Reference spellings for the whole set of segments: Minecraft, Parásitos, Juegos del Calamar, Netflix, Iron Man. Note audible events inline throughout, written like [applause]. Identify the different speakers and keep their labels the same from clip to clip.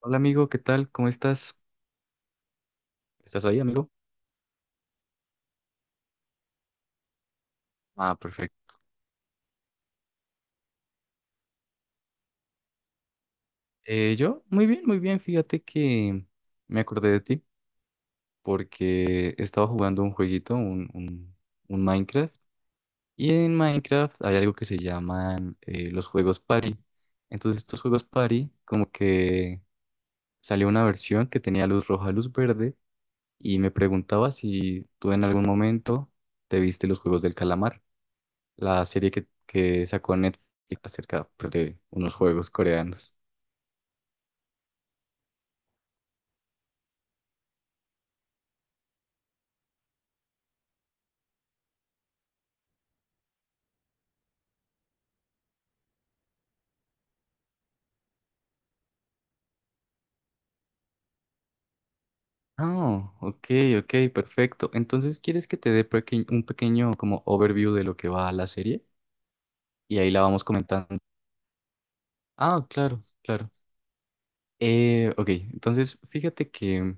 Speaker 1: Hola amigo, ¿qué tal? ¿Cómo estás? ¿Estás ahí, amigo? Ah, perfecto. Yo, muy bien, muy bien. Fíjate que me acordé de ti porque estaba jugando un jueguito, un Minecraft. Y en Minecraft hay algo que se llaman los juegos party. Entonces estos juegos party, como que salió una versión que tenía luz roja, luz verde. Y me preguntaba si tú en algún momento te viste los Juegos del Calamar, la serie que sacó Netflix acerca pues, de unos juegos coreanos. Ah, ok, ok, perfecto. Entonces, ¿quieres que te dé un pequeño como overview de lo que va la serie? Y ahí la vamos comentando. Ah, claro, claro. Ok, entonces fíjate que,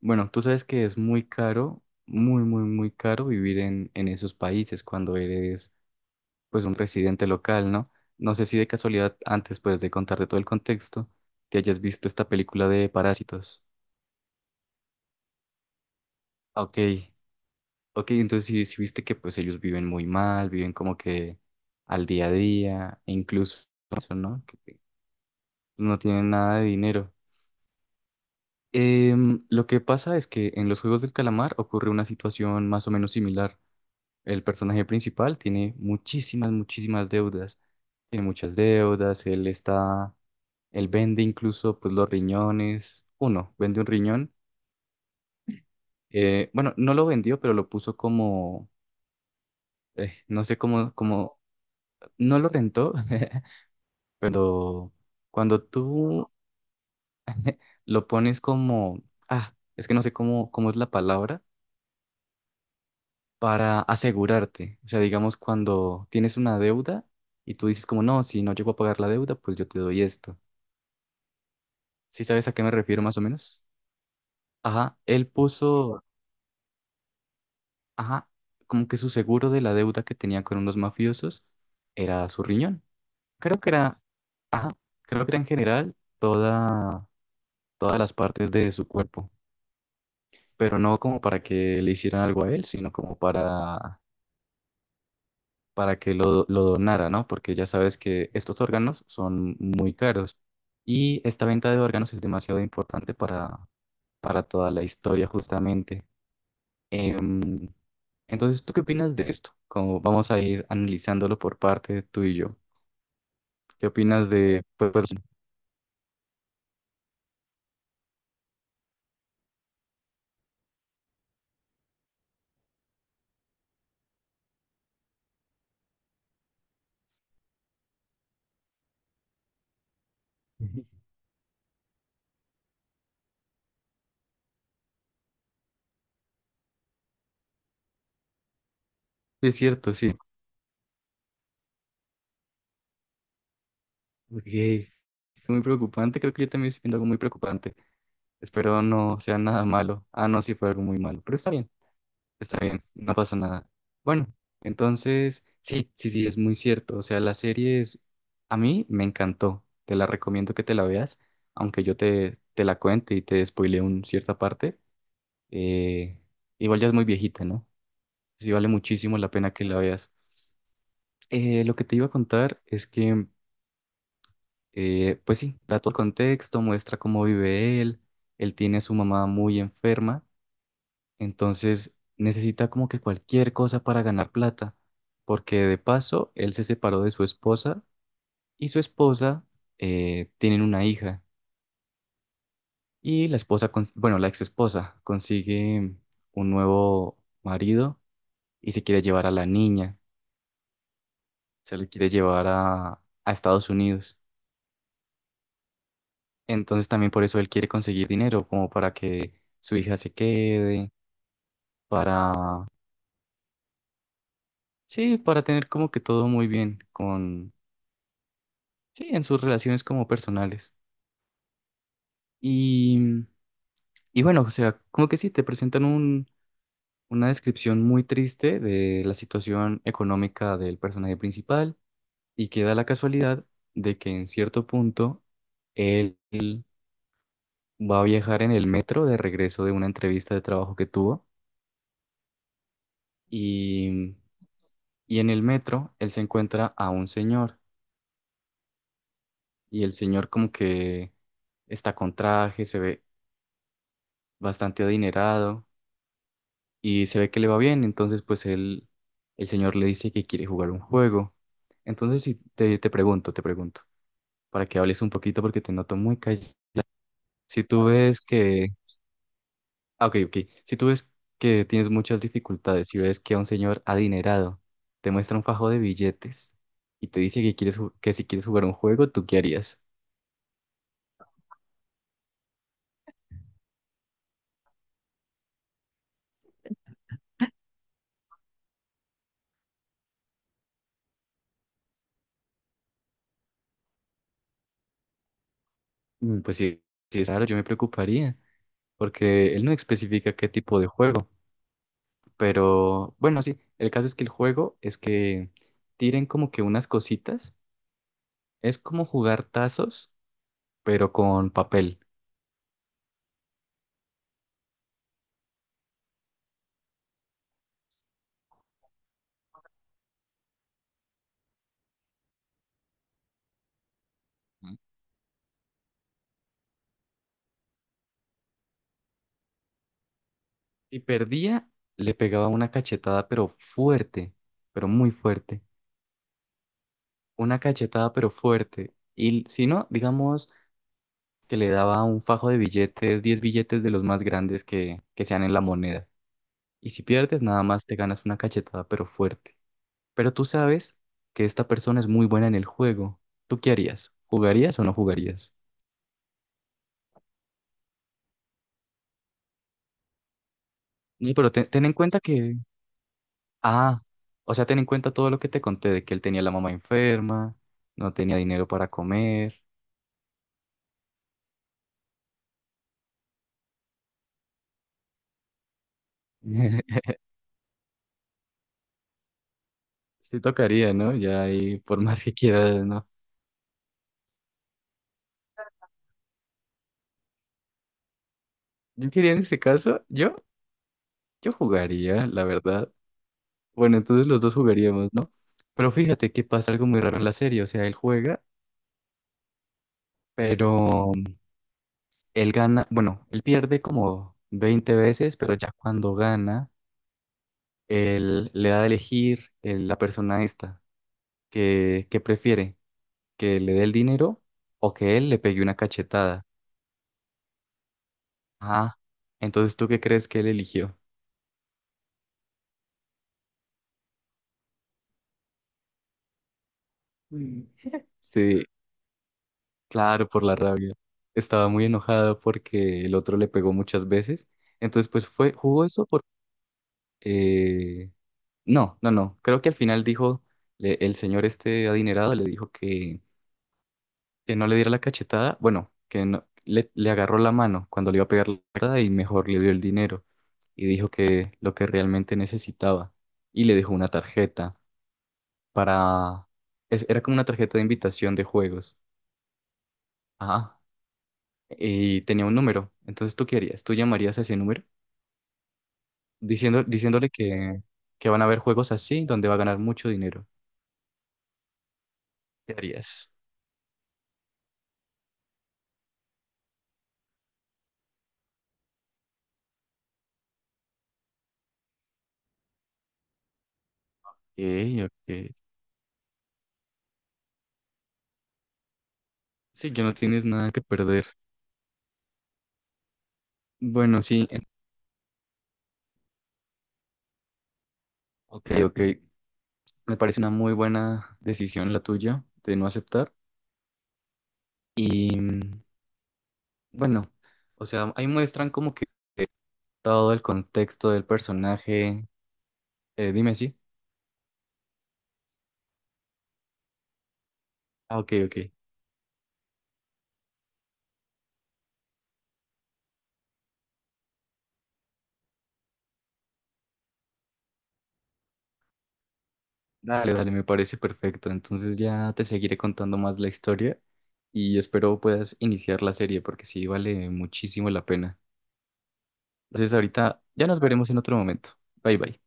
Speaker 1: bueno, tú sabes que es muy caro, muy, muy, muy caro vivir en esos países cuando eres pues un residente local, ¿no? No sé si de casualidad, antes pues de contarte todo el contexto, te hayas visto esta película de Parásitos. Ok, ok, entonces sí, sí viste que pues ellos viven muy mal, viven como que al día a día, e incluso eso, ¿no? Que no tienen nada de dinero. Lo que pasa es que en los Juegos del Calamar ocurre una situación más o menos similar. El personaje principal tiene muchísimas, muchísimas deudas. Tiene muchas deudas. Él vende incluso pues los riñones, uno, vende un riñón. Bueno, no lo vendió, pero lo puso como, no sé cómo, como, no lo rentó, [laughs] pero cuando tú lo pones como, ah, es que no sé cómo es la palabra, para asegurarte. O sea, digamos, cuando tienes una deuda y tú dices como, no, si no llego a pagar la deuda, pues yo te doy esto. ¿Sí sabes a qué me refiero más o menos? Ajá, él puso... Ajá, como que su seguro de la deuda que tenía con unos mafiosos era su riñón. Creo que era, ajá, creo que era en general toda, todas las partes de su cuerpo, pero no como para que le hicieran algo a él, sino como para, que lo donara, ¿no? Porque ya sabes que estos órganos son muy caros y esta venta de órganos es demasiado importante para toda la historia justamente. Em, entonces, ¿tú qué opinas de esto? Como vamos a ir analizándolo por parte tú y yo. ¿Qué opinas de...? Pues, es cierto, sí. Ok. Muy preocupante, creo que yo también estoy viendo algo muy preocupante. Espero no sea nada malo. Ah, no, sí fue algo muy malo, pero está bien, no pasa nada. Bueno, entonces, sí, sí, sí, es muy cierto. O sea, la serie es... A mí me encantó, te la recomiendo que te la veas, aunque yo te la cuente y te spoile un cierta parte. Eh, Igual ya es muy viejita, ¿no? Pues sí vale muchísimo la pena que la veas. Lo que te iba a contar es que, pues sí, da todo el contexto, muestra cómo vive él. Él tiene a su mamá muy enferma, entonces necesita como que cualquier cosa para ganar plata, porque de paso él se separó de su esposa y su esposa tienen una hija y la esposa, bueno, la ex esposa consigue un nuevo marido y se quiere llevar a la niña. Se lo quiere llevar a, Estados Unidos. Entonces también por eso él quiere conseguir dinero, como para que su hija se quede, para, sí, para tener como que todo muy bien con, sí, en sus relaciones como personales. Y, y bueno, o sea, como que sí, te presentan una descripción muy triste de la situación económica del personaje principal y queda la casualidad de que en cierto punto él va a viajar en el metro de regreso de una entrevista de trabajo que tuvo y, y en el metro él se encuentra a un señor y el señor como que está con traje, se ve bastante adinerado y se ve que le va bien, entonces pues él, el señor le dice que quiere jugar un juego. Entonces si te pregunto, te pregunto, para que hables un poquito porque te noto muy callado. Si tú ves que... Ah, ok, ok. Si tú ves que tienes muchas dificultades, si ves que a un señor adinerado te muestra un fajo de billetes y te dice que quieres que si quieres jugar un juego, ¿tú qué harías? Pues sí, sí, claro, yo me preocuparía, porque él no especifica qué tipo de juego, pero bueno, sí, el caso es que el juego es que tiren como que unas cositas, es como jugar tazos, pero con papel. Si perdía, le pegaba una cachetada, pero fuerte, pero muy fuerte. Una cachetada pero fuerte. Y si no, digamos que le daba un fajo de billetes, 10 billetes de los más grandes que sean en la moneda. Y si pierdes, nada más te ganas una cachetada pero fuerte. Pero tú sabes que esta persona es muy buena en el juego. ¿Tú qué harías? ¿Jugarías o no jugarías? No, pero ten en cuenta que... Ah, o sea, ten en cuenta todo lo que te conté de que él tenía la mamá enferma, no tenía dinero para comer. [laughs] Sí tocaría, ¿no? Ya ahí, por más que quieras, ¿no? Yo quería en ese caso, yo jugaría, la verdad. Bueno, entonces los dos jugaríamos, ¿no? Pero fíjate que pasa algo muy raro en la serie, o sea, él juega, pero él gana, bueno, él pierde como 20 veces, pero ya cuando gana, él le da a elegir la persona esta, que prefiere, que le dé el dinero o que él le pegue una cachetada. Ah, entonces, ¿tú qué crees que él eligió? Mm. Sí, claro, por la rabia. Estaba muy enojada porque el otro le pegó muchas veces. Entonces, pues fue, jugó eso por... eh, no, no, no. Creo que al final dijo, el señor este adinerado le dijo que no le diera la cachetada. Bueno, que no- le agarró la mano cuando le iba a pegar la cachetada y mejor le dio el dinero. Y dijo que lo que realmente necesitaba. Y le dejó una tarjeta para... era como una tarjeta de invitación de juegos. Ajá. Y tenía un número. Entonces, ¿tú qué harías? ¿Tú llamarías a ese número diciendo, diciéndole que van a haber juegos así donde va a ganar mucho dinero? ¿Qué harías? Ok, ok. Sí, que no tienes nada que perder. Bueno, sí. Ok, ok. Me parece una muy buena decisión la tuya de no aceptar. Y bueno, o sea, ahí muestran como que todo el contexto del personaje. Dime, sí. Ah, ok, ok. Dale, dale, me parece perfecto. Entonces ya te seguiré contando más la historia y espero puedas iniciar la serie porque sí vale muchísimo la pena. Entonces ahorita ya nos veremos en otro momento. Bye bye.